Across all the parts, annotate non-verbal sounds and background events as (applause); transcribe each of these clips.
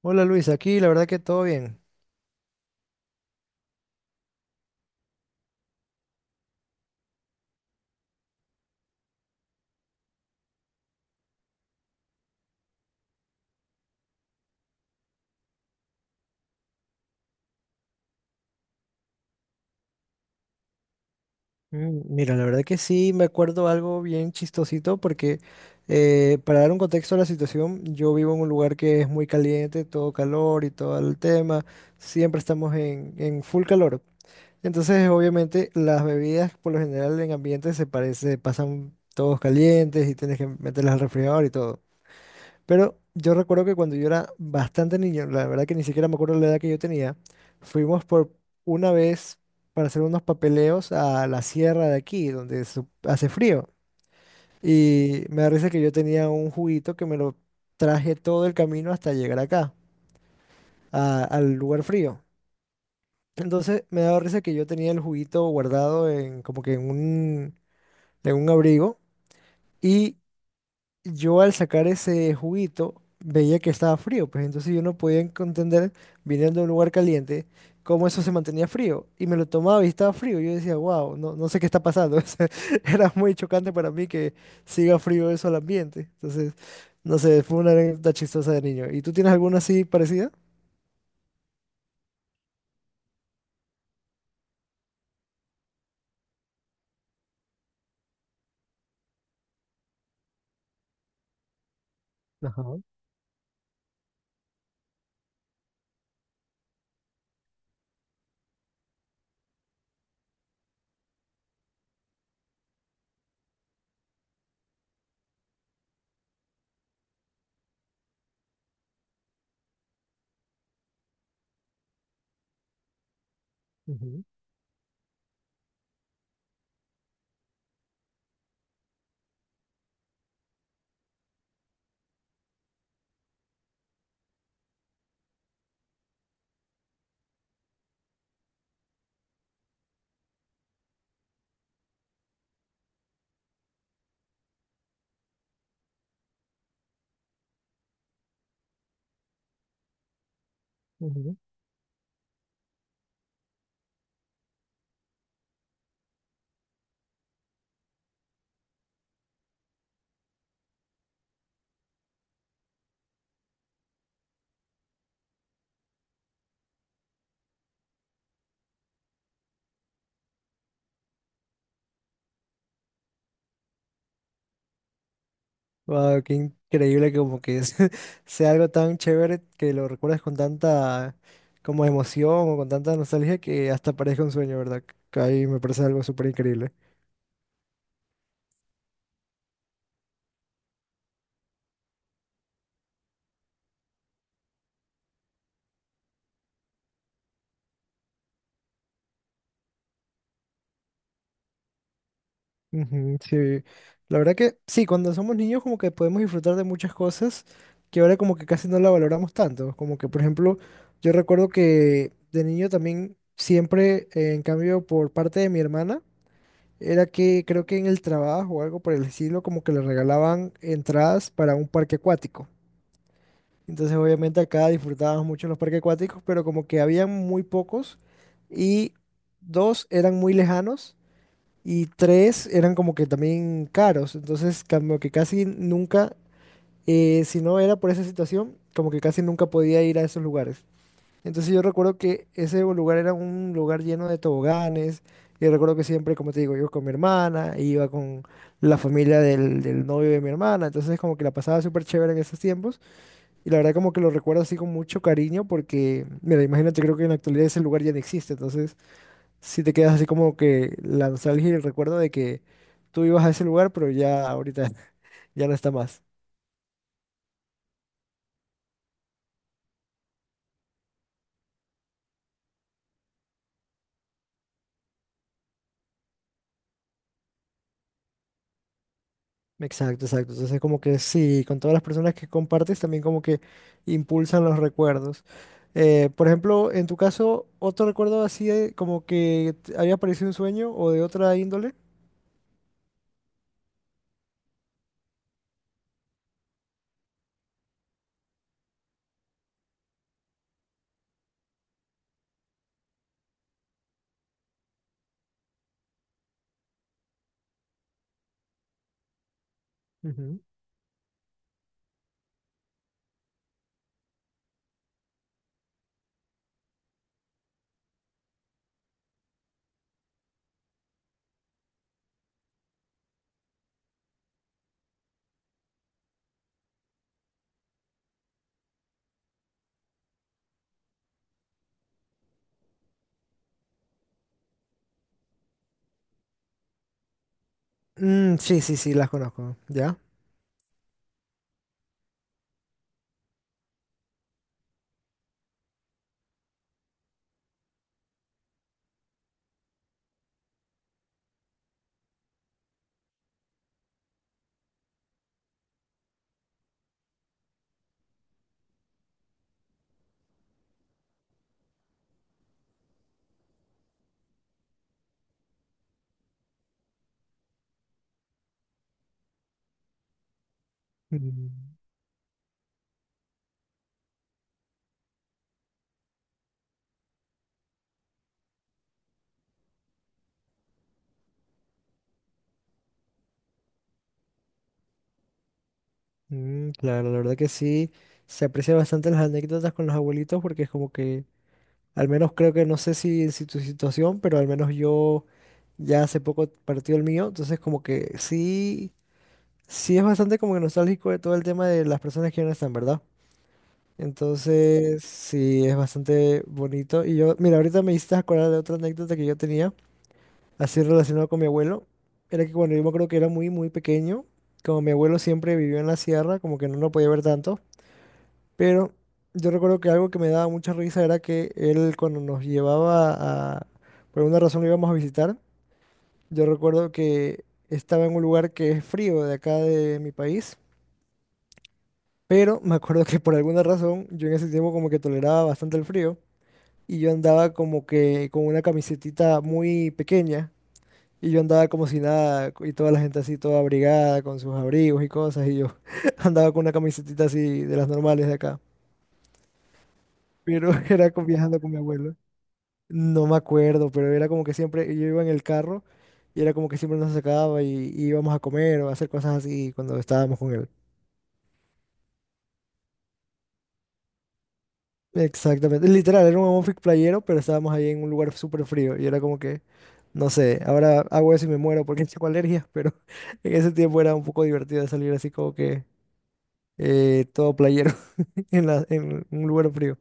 Hola Luis, aquí la verdad que todo bien. Mm, mira, la verdad que sí me acuerdo algo bien chistosito porque para dar un contexto a la situación, yo vivo en un lugar que es muy caliente, todo calor y todo el tema, siempre estamos en full calor. Entonces, obviamente, las bebidas por lo general en ambientes se parece, pasan todos calientes y tienes que meterlas al refrigerador y todo. Pero yo recuerdo que cuando yo era bastante niño, la verdad que ni siquiera me acuerdo la edad que yo tenía, fuimos por una vez para hacer unos papeleos a la sierra de aquí, donde hace frío. Y me da risa que yo tenía un juguito que me lo traje todo el camino hasta llegar acá, al lugar frío. Entonces me daba risa que yo tenía el juguito guardado en como que en un abrigo. Y yo al sacar ese juguito veía que estaba frío, pues entonces yo no podía entender, viniendo de un lugar caliente, cómo eso se mantenía frío. Y me lo tomaba y estaba frío. Yo decía, wow, no, no sé qué está pasando. (laughs) O sea, era muy chocante para mí que siga frío eso al ambiente. Entonces, no sé, fue una anécdota chistosa de niño. ¿Y tú tienes alguna así parecida? Ajá. Ujú. Ujú. Wow, qué increíble que como que (laughs) sea algo tan chévere que lo recuerdas con tanta como emoción o con tanta nostalgia que hasta parezca un sueño, ¿verdad? Que ahí me parece algo súper increíble. Ujú, sí, la verdad que sí, cuando somos niños como que podemos disfrutar de muchas cosas que ahora como que casi no la valoramos tanto. Como que, por ejemplo, yo recuerdo que de niño también siempre, en cambio, por parte de mi hermana, era que creo que en el trabajo o algo por el estilo, como que le regalaban entradas para un parque acuático. Entonces, obviamente acá disfrutábamos mucho los parques acuáticos, pero como que habían muy pocos y dos eran muy lejanos y tres eran como que también caros. Entonces, como que casi nunca, si no era por esa situación, como que casi nunca podía ir a esos lugares. Entonces yo recuerdo que ese lugar era un lugar lleno de toboganes. Y recuerdo que siempre, como te digo, yo con mi hermana, e iba con la familia del novio de mi hermana. Entonces como que la pasaba súper chévere en esos tiempos. Y la verdad como que lo recuerdo así con mucho cariño porque, mira, imagínate, creo que en la actualidad ese lugar ya no existe. Entonces sí te quedas así como que la nostalgia y el recuerdo de que tú ibas a ese lugar, pero ya ahorita (laughs) ya no está más. Exacto, exacto. Entonces, como que sí, con todas las personas que compartes, también como que impulsan los recuerdos. Por ejemplo, en tu caso, ¿otro recuerdo así como que te había aparecido un sueño o de otra índole? Ujú. Mm, sí, sí, sí, las conozco. ¿Ya? Mm. Mm, claro, la verdad que sí, se aprecia bastante las anécdotas con los abuelitos porque es como que, al menos creo que no sé si tu situación, pero al menos yo ya hace poco partió el mío, entonces como que sí. Sí, es bastante como que nostálgico de todo el tema de las personas que ya no están, ¿verdad? Entonces, sí, es bastante bonito. Y yo, mira, ahorita me hiciste acordar de otra anécdota que yo tenía, así relacionado con mi abuelo. Era que cuando yo me acuerdo que era muy, muy pequeño, como mi abuelo siempre vivió en la sierra, como que no lo podía ver tanto. Pero yo recuerdo que algo que me daba mucha risa era que él cuando nos llevaba a, por alguna razón lo íbamos a visitar, yo recuerdo que estaba en un lugar que es frío de acá de mi país. Pero me acuerdo que por alguna razón yo en ese tiempo como que toleraba bastante el frío y yo andaba como que con una camisetita muy pequeña y yo andaba como si nada y toda la gente así toda abrigada con sus abrigos y cosas y yo (laughs) andaba con una camisetita así de las normales de acá. Pero (laughs) era viajando con mi abuelo. No me acuerdo, pero era como que siempre yo iba en el carro y era como que siempre nos sacaba y íbamos a comer o a hacer cosas así cuando estábamos con él. Exactamente, literal, era un amorfic playero, pero estábamos ahí en un lugar súper frío y era como que, no sé, ahora hago eso y me muero porque (laughs) tengo alergias, pero (laughs) en ese tiempo era un poco divertido salir así como que todo playero (laughs) en en un lugar frío.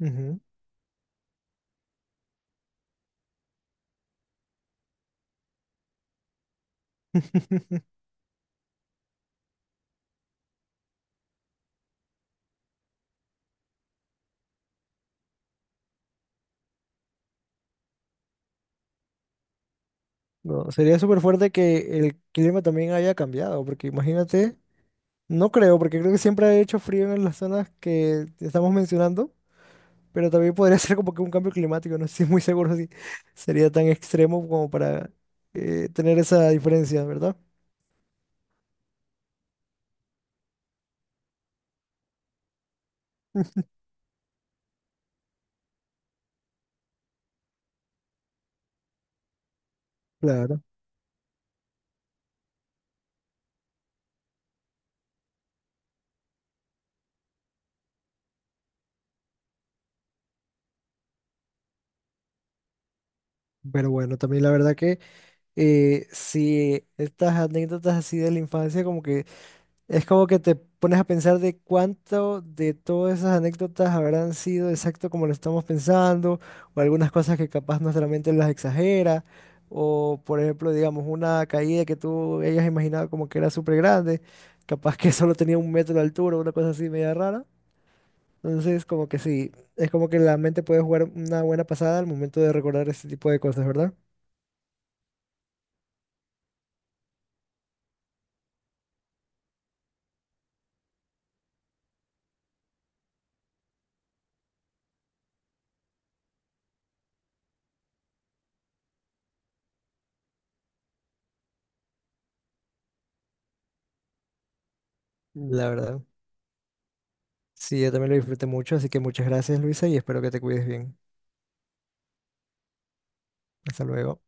Ujú. (laughs) No, sería súper fuerte que el clima también haya cambiado, porque imagínate, no creo, porque creo que siempre ha hecho frío en las zonas que estamos mencionando, pero también podría (laughs) ser como que un cambio climático, no estoy muy seguro si sería tan extremo como para tener esa diferencia, ¿verdad? Claro. Pero bueno, también la verdad que si estas anécdotas así de la infancia como que es como que te pones a pensar de cuánto de todas esas anécdotas habrán sido exacto como lo estamos pensando, o algunas cosas que capaz nuestra mente las exagera, o por ejemplo, digamos, una caída que tú hayas imaginado como que era súper grande, capaz que (laughs) solo tenía un metro de altura, una cosa así media rara. Entonces, como que sí, es como que la mente puede jugar una buena pasada al momento de recordar ese tipo de cosas, ¿verdad? La verdad. Sí, yo también lo disfruté mucho, así que muchas gracias, Luisa, y espero que te cuides bien. Hasta luego.